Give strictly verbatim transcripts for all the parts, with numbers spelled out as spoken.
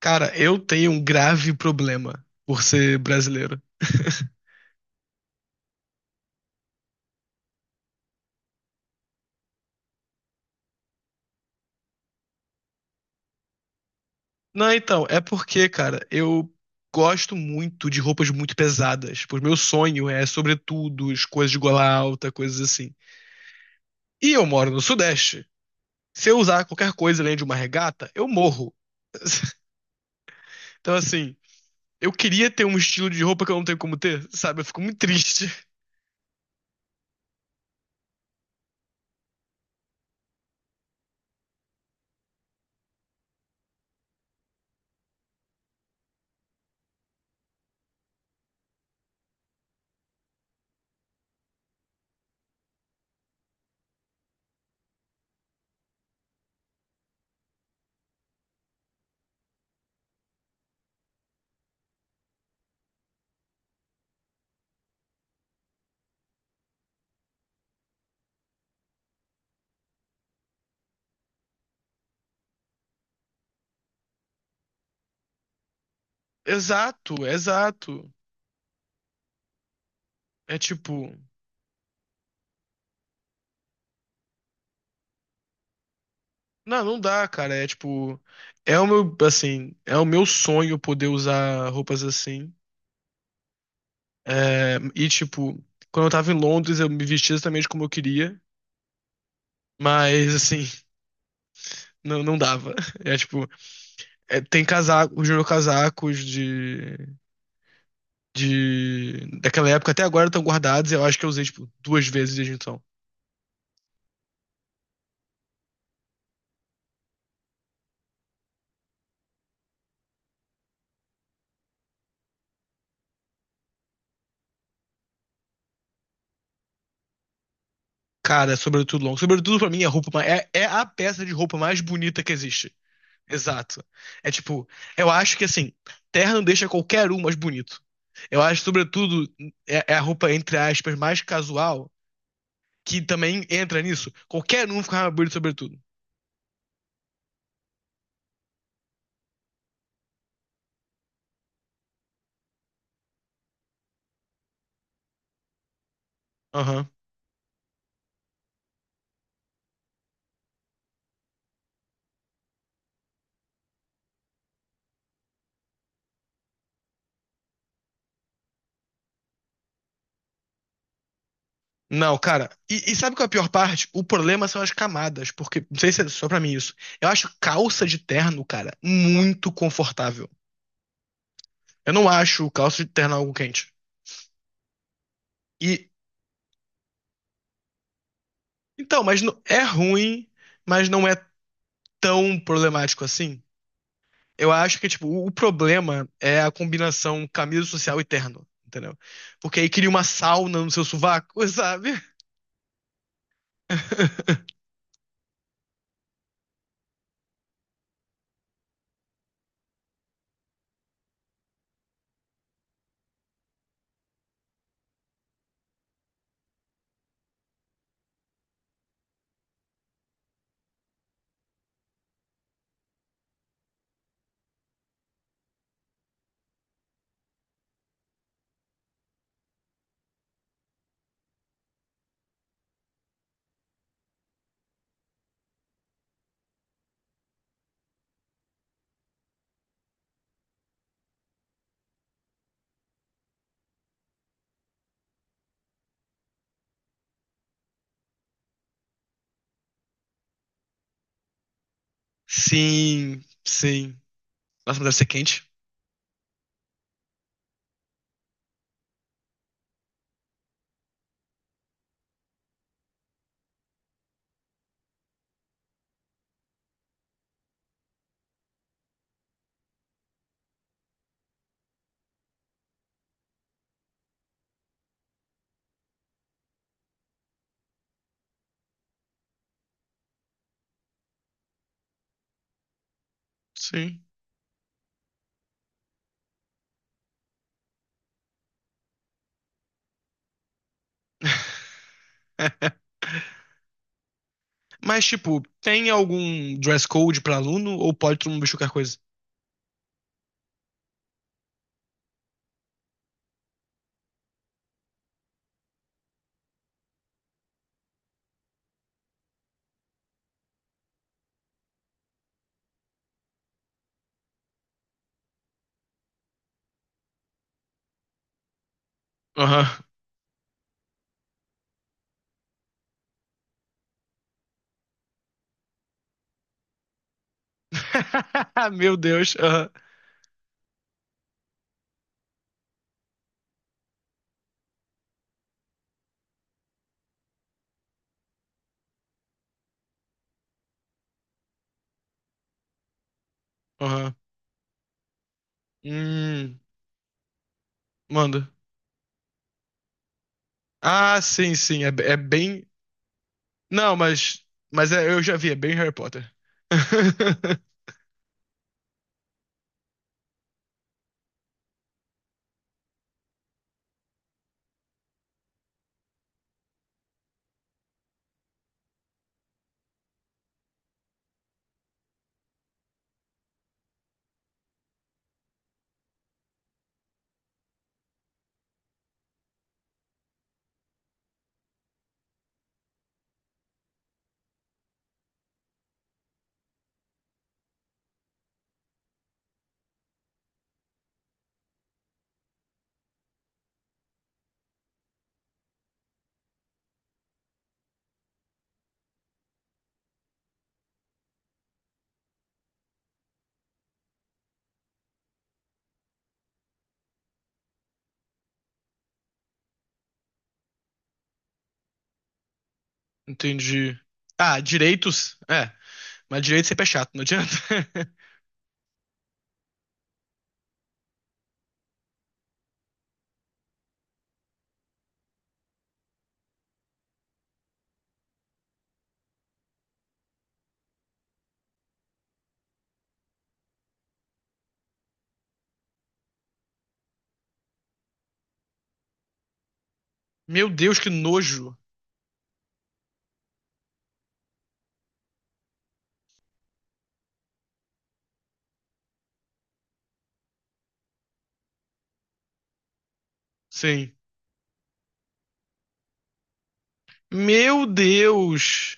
Cara, eu tenho um grave problema por ser brasileiro. Não, então, é porque, cara, eu gosto muito de roupas muito pesadas. Pois meu sonho é, sobretudo, as coisas de gola alta, coisas assim. E eu moro no Sudeste. Se eu usar qualquer coisa além de uma regata, eu morro. Então, assim, eu queria ter um estilo de roupa que eu não tenho como ter, sabe? Eu fico muito triste. Exato, exato. É tipo. Não, não dá, cara. É tipo, é o meu, assim, é o meu sonho poder usar roupas assim. É, e tipo, quando eu tava em Londres, eu me vestia exatamente como eu queria, mas assim, não, não dava. É tipo, é, tem casaco, os meus casacos de, de daquela época até agora estão guardados. Eu acho que eu usei tipo duas vezes desde então. Cara, é sobretudo longo. Sobretudo pra mim é a roupa, ma- é, é a peça de roupa mais bonita que existe. Exato. É tipo, eu acho que assim, terra não deixa qualquer um mais bonito. Eu acho, sobretudo, é, é a roupa, entre aspas, mais casual, que também entra nisso. Qualquer um fica mais bonito, sobretudo. Aham. Não, cara. E, e sabe qual é a pior parte? O problema são as camadas, porque, não sei se é só pra mim isso. Eu acho calça de terno, cara, muito confortável. Eu não acho calça de terno algo quente. E, então, mas não- é ruim, mas não é tão problemático assim. Eu acho que, tipo, o o problema é a combinação camisa social e terno, entendeu? Porque aí cria uma sauna no seu sovaco, sabe? Sim, sim. Nossa, mas deve ser quente. Sim. Mas, tipo, tem algum dress code pra aluno ou pode todo mundo vestir qualquer coisa? Aham. Meu Deus. Aham. Aham. Hum, manda. Ah, sim, sim. É, é bem. Não, mas. Mas é- eu já vi, é bem Harry Potter. Entendi. Ah, direitos? É, mas direito sempre é chato, não adianta. Meu Deus, que nojo. Sim. Meu Deus.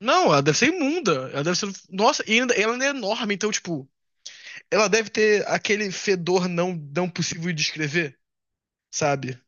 Não, ela deve ser imunda. Ela deve ser. Nossa, e ainda, ela ainda é enorme, então, tipo, ela deve ter aquele fedor não, não possível de descrever, sabe?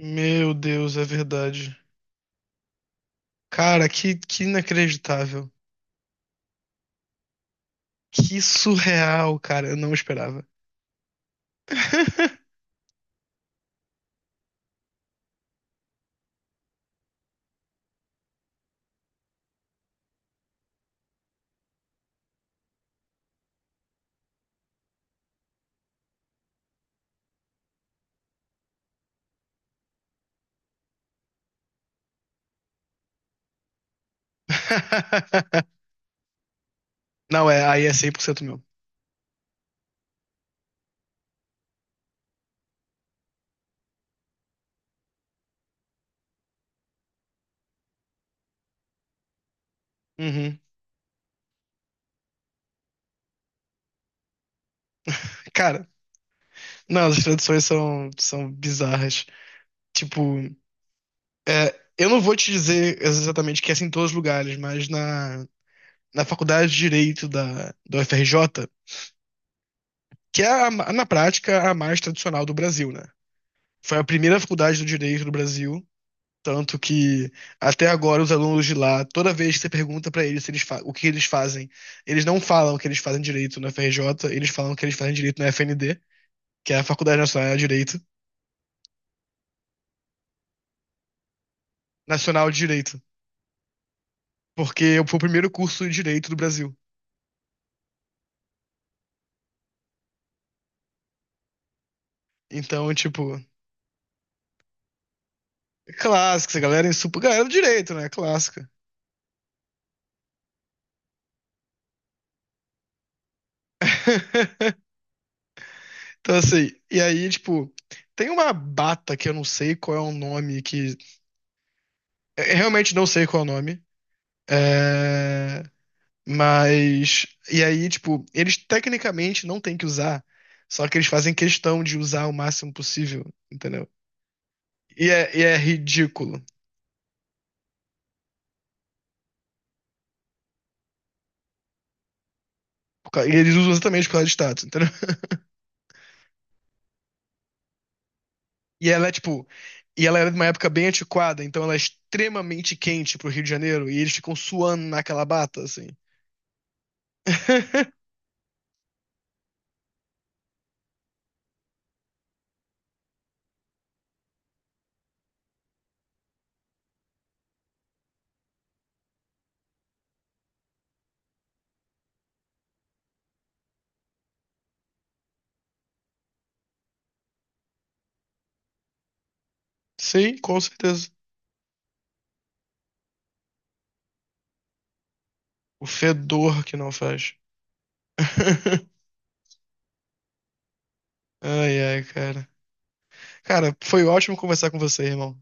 Meu Deus, é verdade. Cara, que, que inacreditável. Que surreal, cara. Eu não esperava. Não, é, aí é cem por cento meu. Uhum. Cara, não, as traduções são, são bizarras. Tipo, é, eu não vou te dizer exatamente que é assim em todos os lugares, mas na, na Faculdade de Direito da, do F R J, que é, a ma- na prática, a mais tradicional do Brasil, né? Foi a primeira faculdade do direito do Brasil, tanto que até agora os alunos de lá, toda vez que você pergunta pra eles, se eles fa- o que eles fazem, eles não falam que eles fazem direito na F R J, eles falam que eles fazem direito na F N D, que é a Faculdade Nacional de Direito, Nacional de Direito. Porque eu fui o primeiro curso de direito do Brasil. Então, tipo, é clássico, essa galera é super. Galera do direito, né? Clássica. Então, assim, e aí, tipo, tem uma bata que eu não sei qual é o nome, que. Eu realmente não sei qual é o nome. É, mas. E aí, tipo, eles tecnicamente não têm que usar, só que eles fazem questão de usar o máximo possível, entendeu? E é, e é ridículo. Por causa- E eles usam exatamente por causa de status, entendeu? E ela é tipo. E ela era de uma época bem antiquada, então ela é extremamente quente pro Rio de Janeiro e eles ficam suando naquela bata, assim. Sim, com certeza. O fedor que não faz. Ai, ai, cara. Cara, foi ótimo conversar com você, irmão.